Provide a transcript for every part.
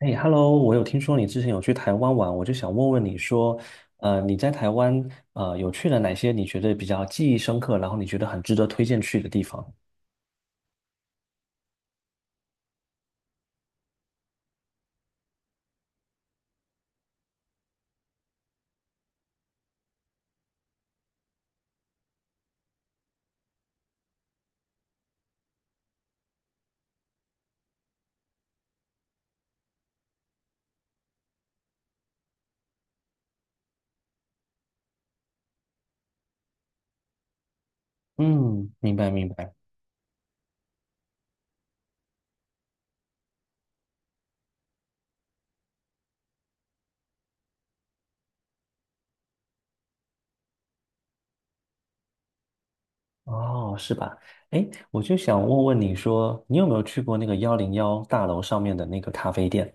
哎，Hello，我有听说你之前有去台湾玩，我就想问问你说，你在台湾有去了哪些你觉得比较记忆深刻，然后你觉得很值得推荐去的地方？嗯，明白明白。哦，是吧？哎，我就想问问你说，你有没有去过那个幺零幺大楼上面的那个咖啡店？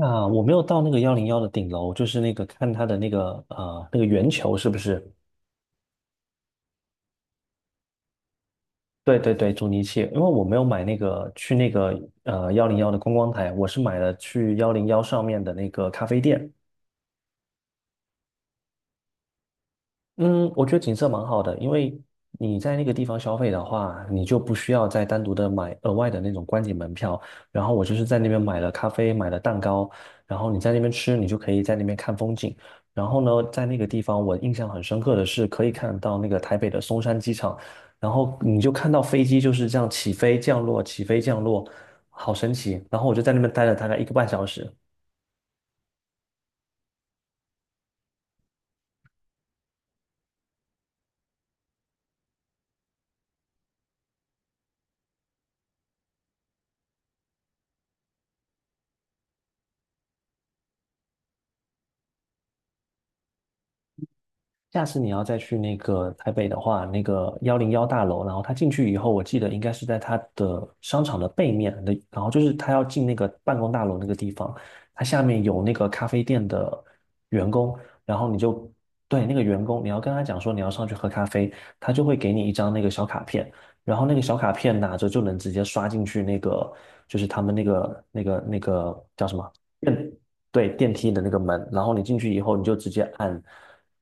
啊，我没有到那个幺零幺的顶楼，就是那个看它的那个那个圆球是不是？对对对，阻尼器，因为我没有买那个去那个幺零幺的观光台，我是买了去幺零幺上面的那个咖啡店。嗯，我觉得景色蛮好的，因为你在那个地方消费的话，你就不需要再单独的买额外的那种观景门票。然后我就是在那边买了咖啡，买了蛋糕，然后你在那边吃，你就可以在那边看风景。然后呢，在那个地方我印象很深刻的是，可以看到那个台北的松山机场，然后你就看到飞机就是这样起飞降落，起飞降落，好神奇。然后我就在那边待了大概1个半小时。下次你要再去那个台北的话，那个幺零幺大楼，然后他进去以后，我记得应该是在他的商场的背面的，然后就是他要进那个办公大楼那个地方，他下面有那个咖啡店的员工，然后你就对那个员工，你要跟他讲说你要上去喝咖啡，他就会给你一张那个小卡片，然后那个小卡片拿着就能直接刷进去那个，就是他们那个叫什么。对，电梯的那个门，然后你进去以后，你就直接按，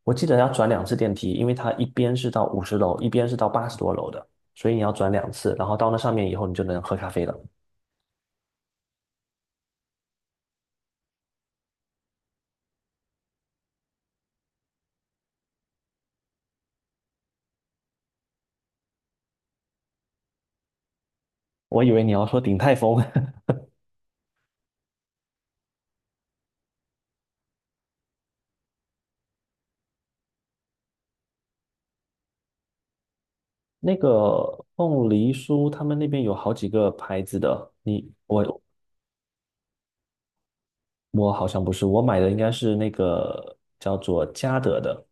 我记得要转两次电梯，因为它一边是到50楼，一边是到80多楼的，所以你要转两次，然后到那上面以后，你就能喝咖啡了。我以为你要说鼎泰丰。那个凤梨酥，他们那边有好几个牌子的，我好像不是，我买的应该是那个叫做嘉德的。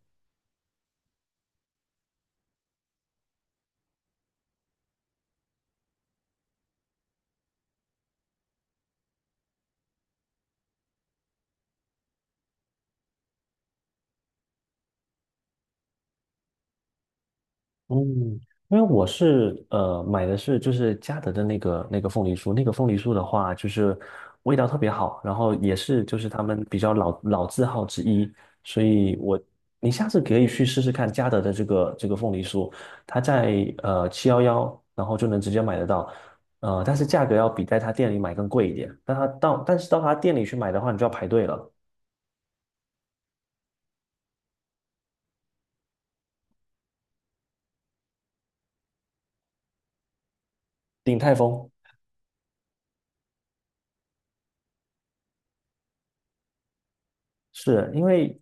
嗯，因为我是买的是就是嘉德的那个凤梨酥，那个凤梨酥的话就是味道特别好，然后也是就是他们比较老字号之一，所以你下次可以去试试看嘉德的这个凤梨酥，它在711，然后就能直接买得到。但是价格要比在他店里买更贵一点，但是到他店里去买的话，你就要排队了。鼎泰丰是因为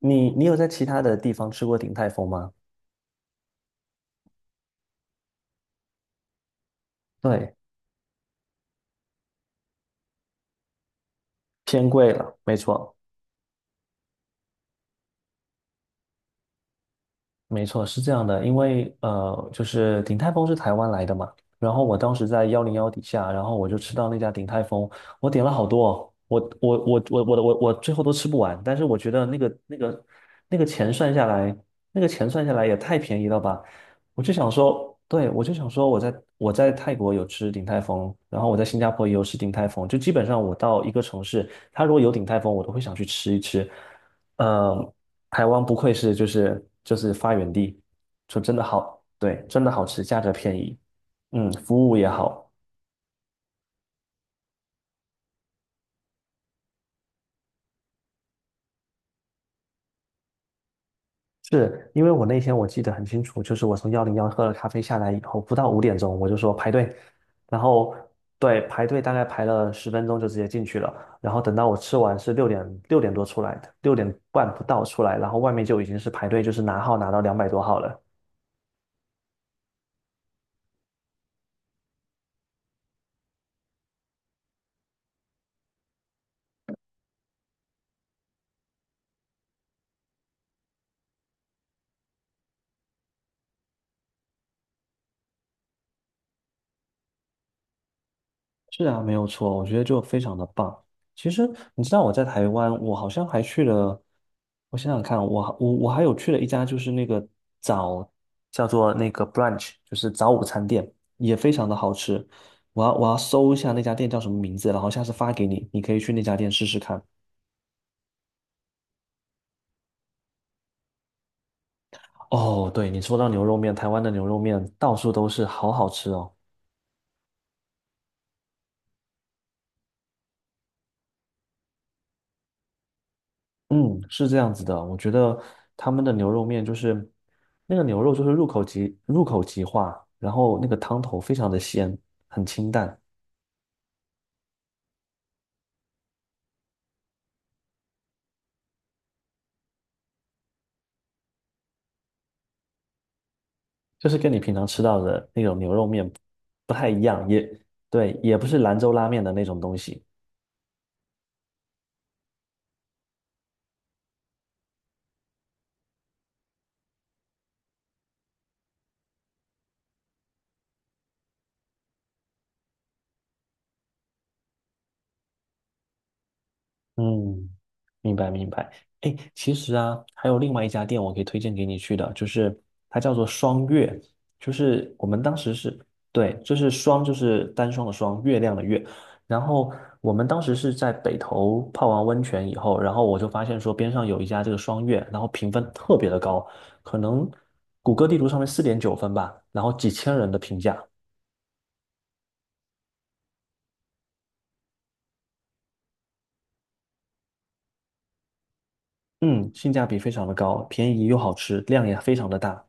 你有在其他的地方吃过鼎泰丰吗？对。偏贵了，没错。没错，是这样的，因为就是鼎泰丰是台湾来的嘛，然后我当时在幺零幺底下，然后我就吃到那家鼎泰丰，我点了好多哦，我最后都吃不完，但是我觉得那个钱算下来，那个钱算下来也太便宜了吧。我就想说，对，我就想说我在泰国有吃鼎泰丰，然后我在新加坡也有吃鼎泰丰，就基本上我到一个城市，他如果有鼎泰丰，我都会想去吃一吃。呃，台湾不愧是就是发源地，说真的好，对，真的好吃，价格便宜，嗯，服务也好。是因为我那天我记得很清楚，就是我从幺零幺喝了咖啡下来以后，不到5点钟我就说排队，然后对排队大概排了10分钟就直接进去了，然后等到我吃完是6点多出来的，6点半不到出来，然后外面就已经是排队，就是拿号拿到200多号了。是啊，没有错，我觉得就非常的棒。其实你知道我在台湾，我好像还去了，我想想看，我还有去了一家就是那个早叫做那个 brunch，就是早午餐店，也非常的好吃。我要搜一下那家店叫什么名字，然后下次发给你，你可以去那家店试试看。哦，对，你说到牛肉面，台湾的牛肉面到处都是，好好吃哦。嗯，是这样子的，我觉得他们的牛肉面就是那个牛肉就是入口即化，然后那个汤头非常的鲜，很清淡，就是跟你平常吃到的那种牛肉面不太一样，也对，也不是兰州拉面的那种东西。嗯，明白明白。哎，其实啊，还有另外一家店我可以推荐给你去的，就是它叫做双月，就是我们当时是，对，就是双就是单双的双，月亮的月。然后我们当时是在北头泡完温泉以后，然后我就发现说边上有一家这个双月，然后评分特别的高，可能谷歌地图上面4.9分吧，然后几千人的评价。嗯，性价比非常的高，便宜又好吃，量也非常的大。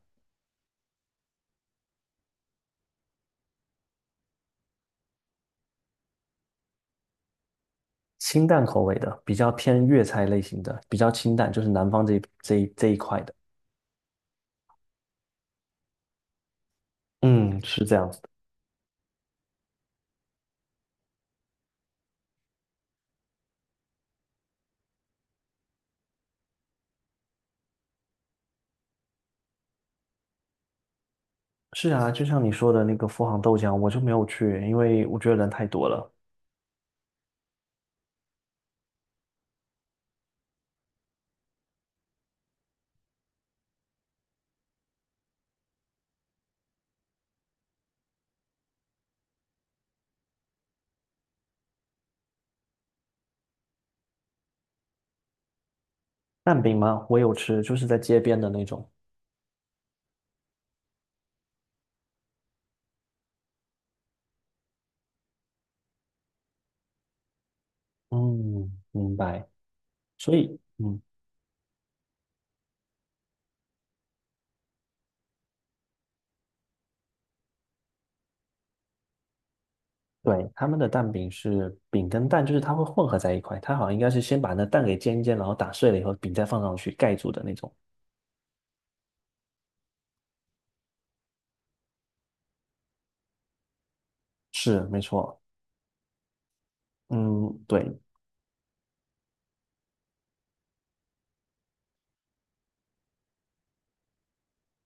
清淡口味的，比较偏粤菜类型的，比较清淡，就是南方这一块的。嗯，是这样子的。是啊，就像你说的那个富航豆浆，我就没有去，因为我觉得人太多了。蛋饼吗？我有吃，就是在街边的那种。嗯，明白。所以，嗯，对，他们的蛋饼是饼跟蛋，就是它会混合在一块。它好像应该是先把那蛋给煎一煎，然后打碎了以后，饼再放上去盖住的那种。是，没错。嗯，对。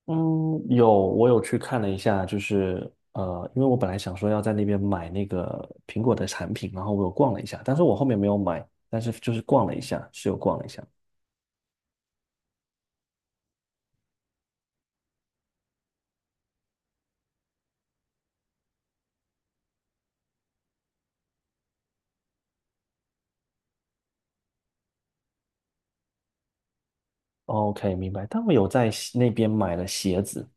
嗯，有，我有去看了一下，就是因为我本来想说要在那边买那个苹果的产品，然后我有逛了一下，但是我后面没有买，但是就是逛了一下，是有逛了一下。OK，明白。但我有在西那边买了鞋子。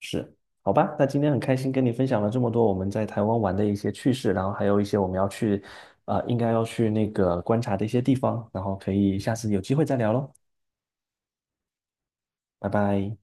是，好吧。那今天很开心跟你分享了这么多我们在台湾玩的一些趣事，然后还有一些我们要去，应该要去那个观察的一些地方，然后可以下次有机会再聊喽，拜拜。